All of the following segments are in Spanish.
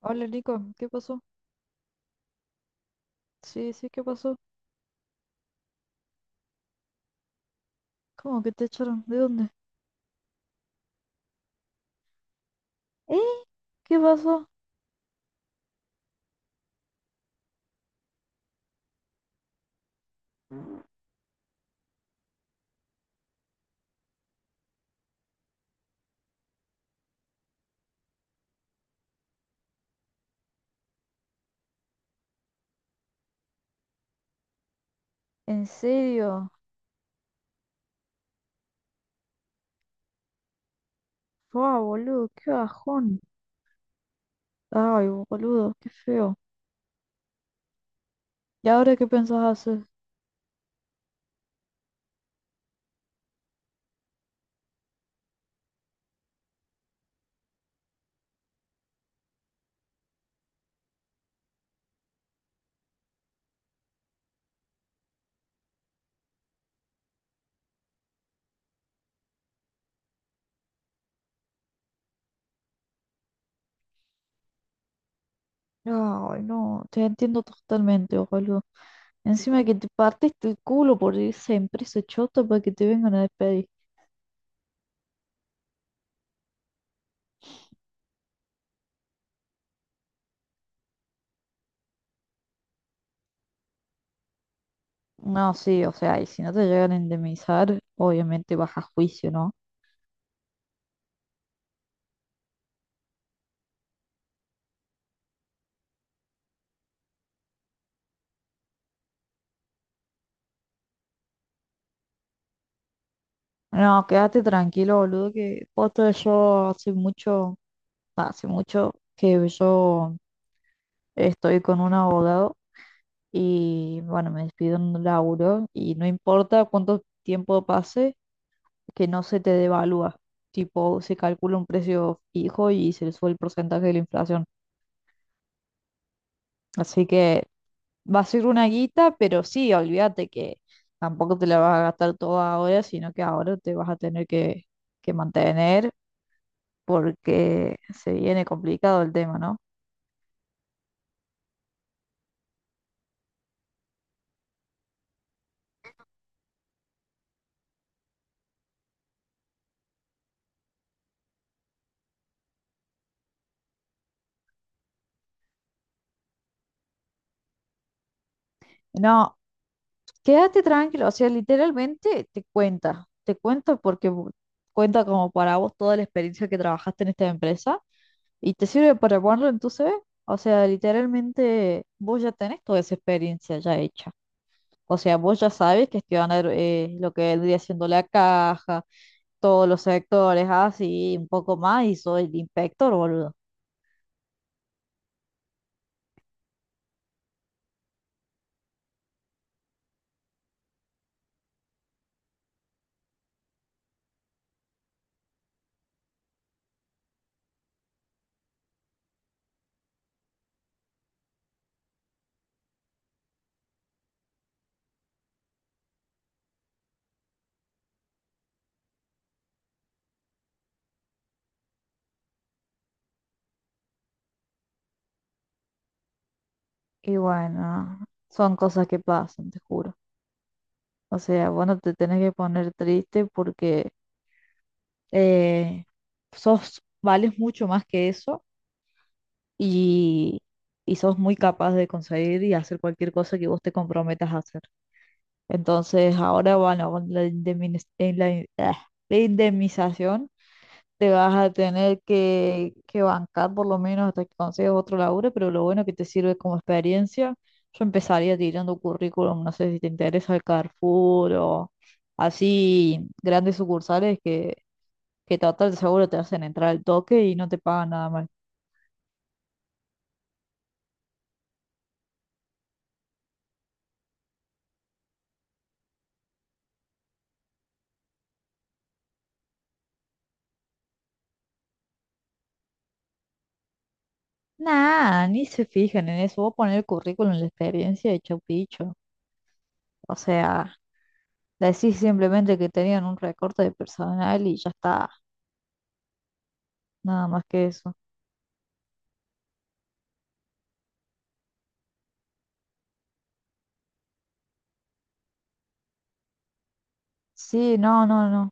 Hola Nico, ¿qué pasó? Sí, sí, ¿qué pasó? ¿Cómo que te echaron? ¿De dónde? ¿Eh? ¿Qué pasó? ¿En serio? ¡Wow, boludo! ¡Qué bajón! Ay, boludo, qué feo. ¿Y ahora qué pensás hacer? Ay, no, te entiendo totalmente, boludo. Encima que te partiste el culo por esa empresa chota para que te vengan a despedir. No, sí, o sea, y si no te llegan a indemnizar, obviamente vas a juicio, ¿no? No, quédate tranquilo, boludo, que posta yo hace mucho. Hace mucho que yo estoy con un abogado y bueno, me despido en un laburo y no importa cuánto tiempo pase, que no se te devalúa. Tipo, se calcula un precio fijo y se le sube el porcentaje de la inflación. Así que va a ser una guita, pero sí, olvídate que tampoco te la vas a gastar toda ahora, sino que ahora te vas a tener que mantener porque se viene complicado el tema, ¿no? No, quédate tranquilo, o sea, literalmente te cuenta porque cuenta como para vos toda la experiencia que trabajaste en esta empresa y te sirve para ponerlo en tu CV. O sea, literalmente vos ya tenés toda esa experiencia ya hecha. O sea, vos ya sabes gestionar lo que vendría siendo la caja, todos los sectores, así, un poco más, y soy el inspector, boludo. Y bueno, son cosas que pasan, te juro. O sea, vos no te tenés que poner triste porque eh, sos, vales mucho más que eso y, y sos muy capaz de conseguir y hacer cualquier cosa que vos te comprometas a hacer. Entonces, ahora, bueno, con la, indemniz- la in- ah, la indemnización te vas a tener que bancar por lo menos hasta que consigas otro laburo, pero lo bueno que te sirve como experiencia, yo empezaría tirando currículum, no sé si te interesa el Carrefour o así grandes sucursales que total seguro te hacen entrar al toque y no te pagan nada mal. Nah, ni se fijan en eso. Vos poner el currículum, la experiencia de chau picho. O sea, decís simplemente que tenían un recorte de personal y ya está. Nada más que eso. Sí, no, no, no.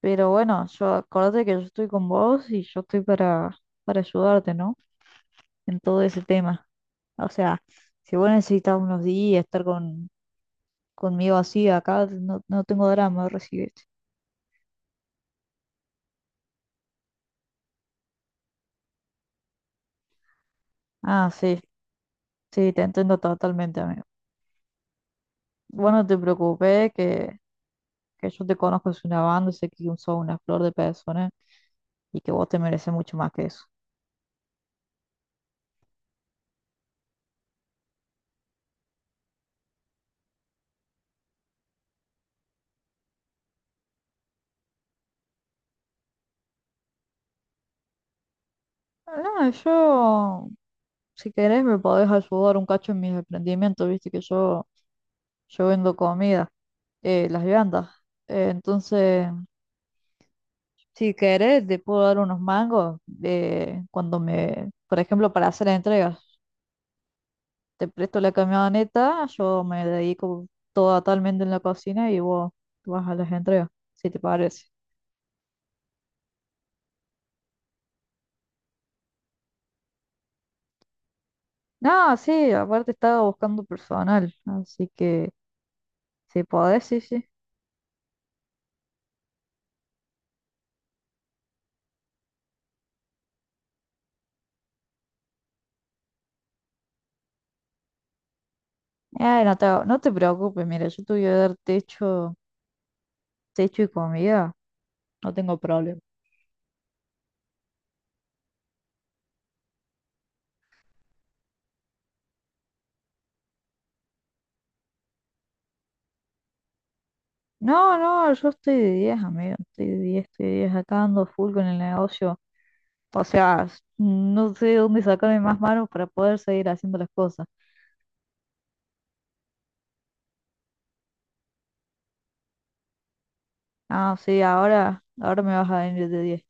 Pero bueno, yo acordate que yo estoy con vos y yo estoy para ayudarte, ¿no? En todo ese tema. O sea, si vos necesitas unos días estar conmigo así acá, no, no tengo drama, recibirte. Ah, sí, sí, te entiendo totalmente, amigo. Bueno, no te preocupes, que yo te conozco es una banda, sé que sos una flor de persona y que vos te mereces mucho más que eso. No, yo, si querés, me podés ayudar un cacho en mis emprendimientos, viste que yo vendo comida, las viandas. Entonces, si querés, te puedo dar unos mangos cuando me, por ejemplo, para hacer entregas. Te presto la camioneta, yo me dedico totalmente en la cocina y vos vas a las entregas, si te parece. No, sí, aparte estaba buscando personal, así que si podés, sí, sí. No te, no te preocupes, mira, yo te voy a dar techo, techo y comida, no tengo problema. No, no, yo estoy de 10, amigo, estoy de diez acá ando full con el negocio. O sea, no sé dónde sacarme más manos para poder seguir haciendo las cosas. Ah, sí, ahora, ahora me vas a venir de 10.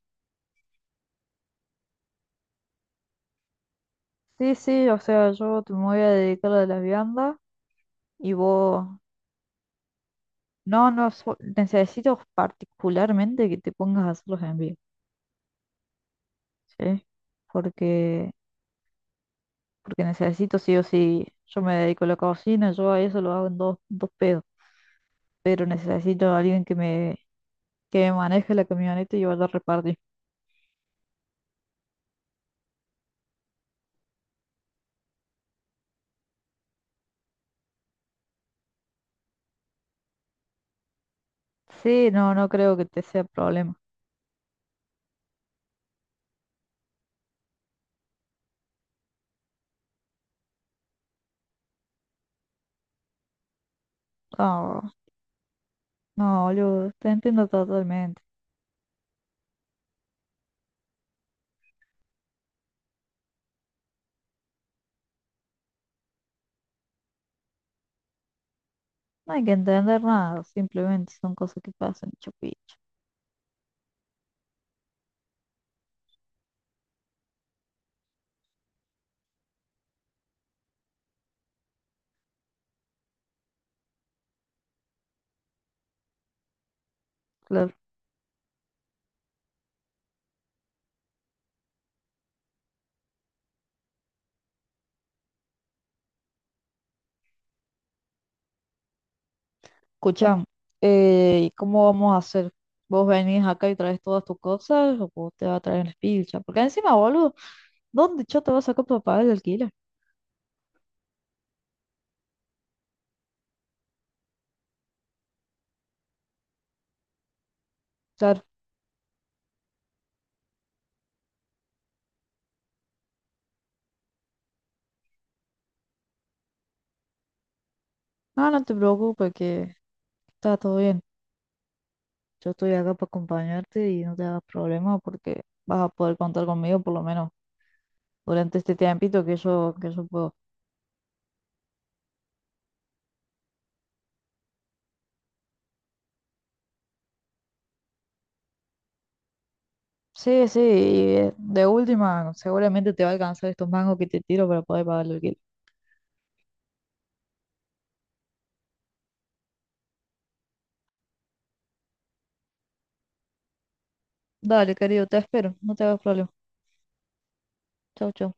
Sí, sí, o sea, me voy a dedicar a las viandas y vos... No, no, necesito particularmente que te pongas a hacer los envíos, ¿sí? Porque, porque necesito sí o sí, yo me dedico a la cocina, yo a eso lo hago en dos, dos pedos, pero necesito a alguien que me maneje la camioneta y vaya a repartir. Sí, no, no creo que te sea problema. No, no, yo te entiendo totalmente. No hay que entender nada, simplemente son cosas que pasan, chupicho. Claro. Escuchamos, ¿y cómo vamos a hacer? ¿Vos venís acá y traes todas tus cosas o vos te vas a traer el pilcha? Porque encima, boludo, ¿dónde yo te vas a sacar para pagar el alquiler? Claro. No, no te preocupes que está todo bien. Yo estoy acá para acompañarte y no te hagas problema porque vas a poder contar conmigo por lo menos durante este tiempito que yo puedo. Sí, sí, y de última, seguramente te va a alcanzar estos mangos que te tiro para poder pagar el alquiler. Dale, querido, te espero, no te hagas problema. Chau, chau.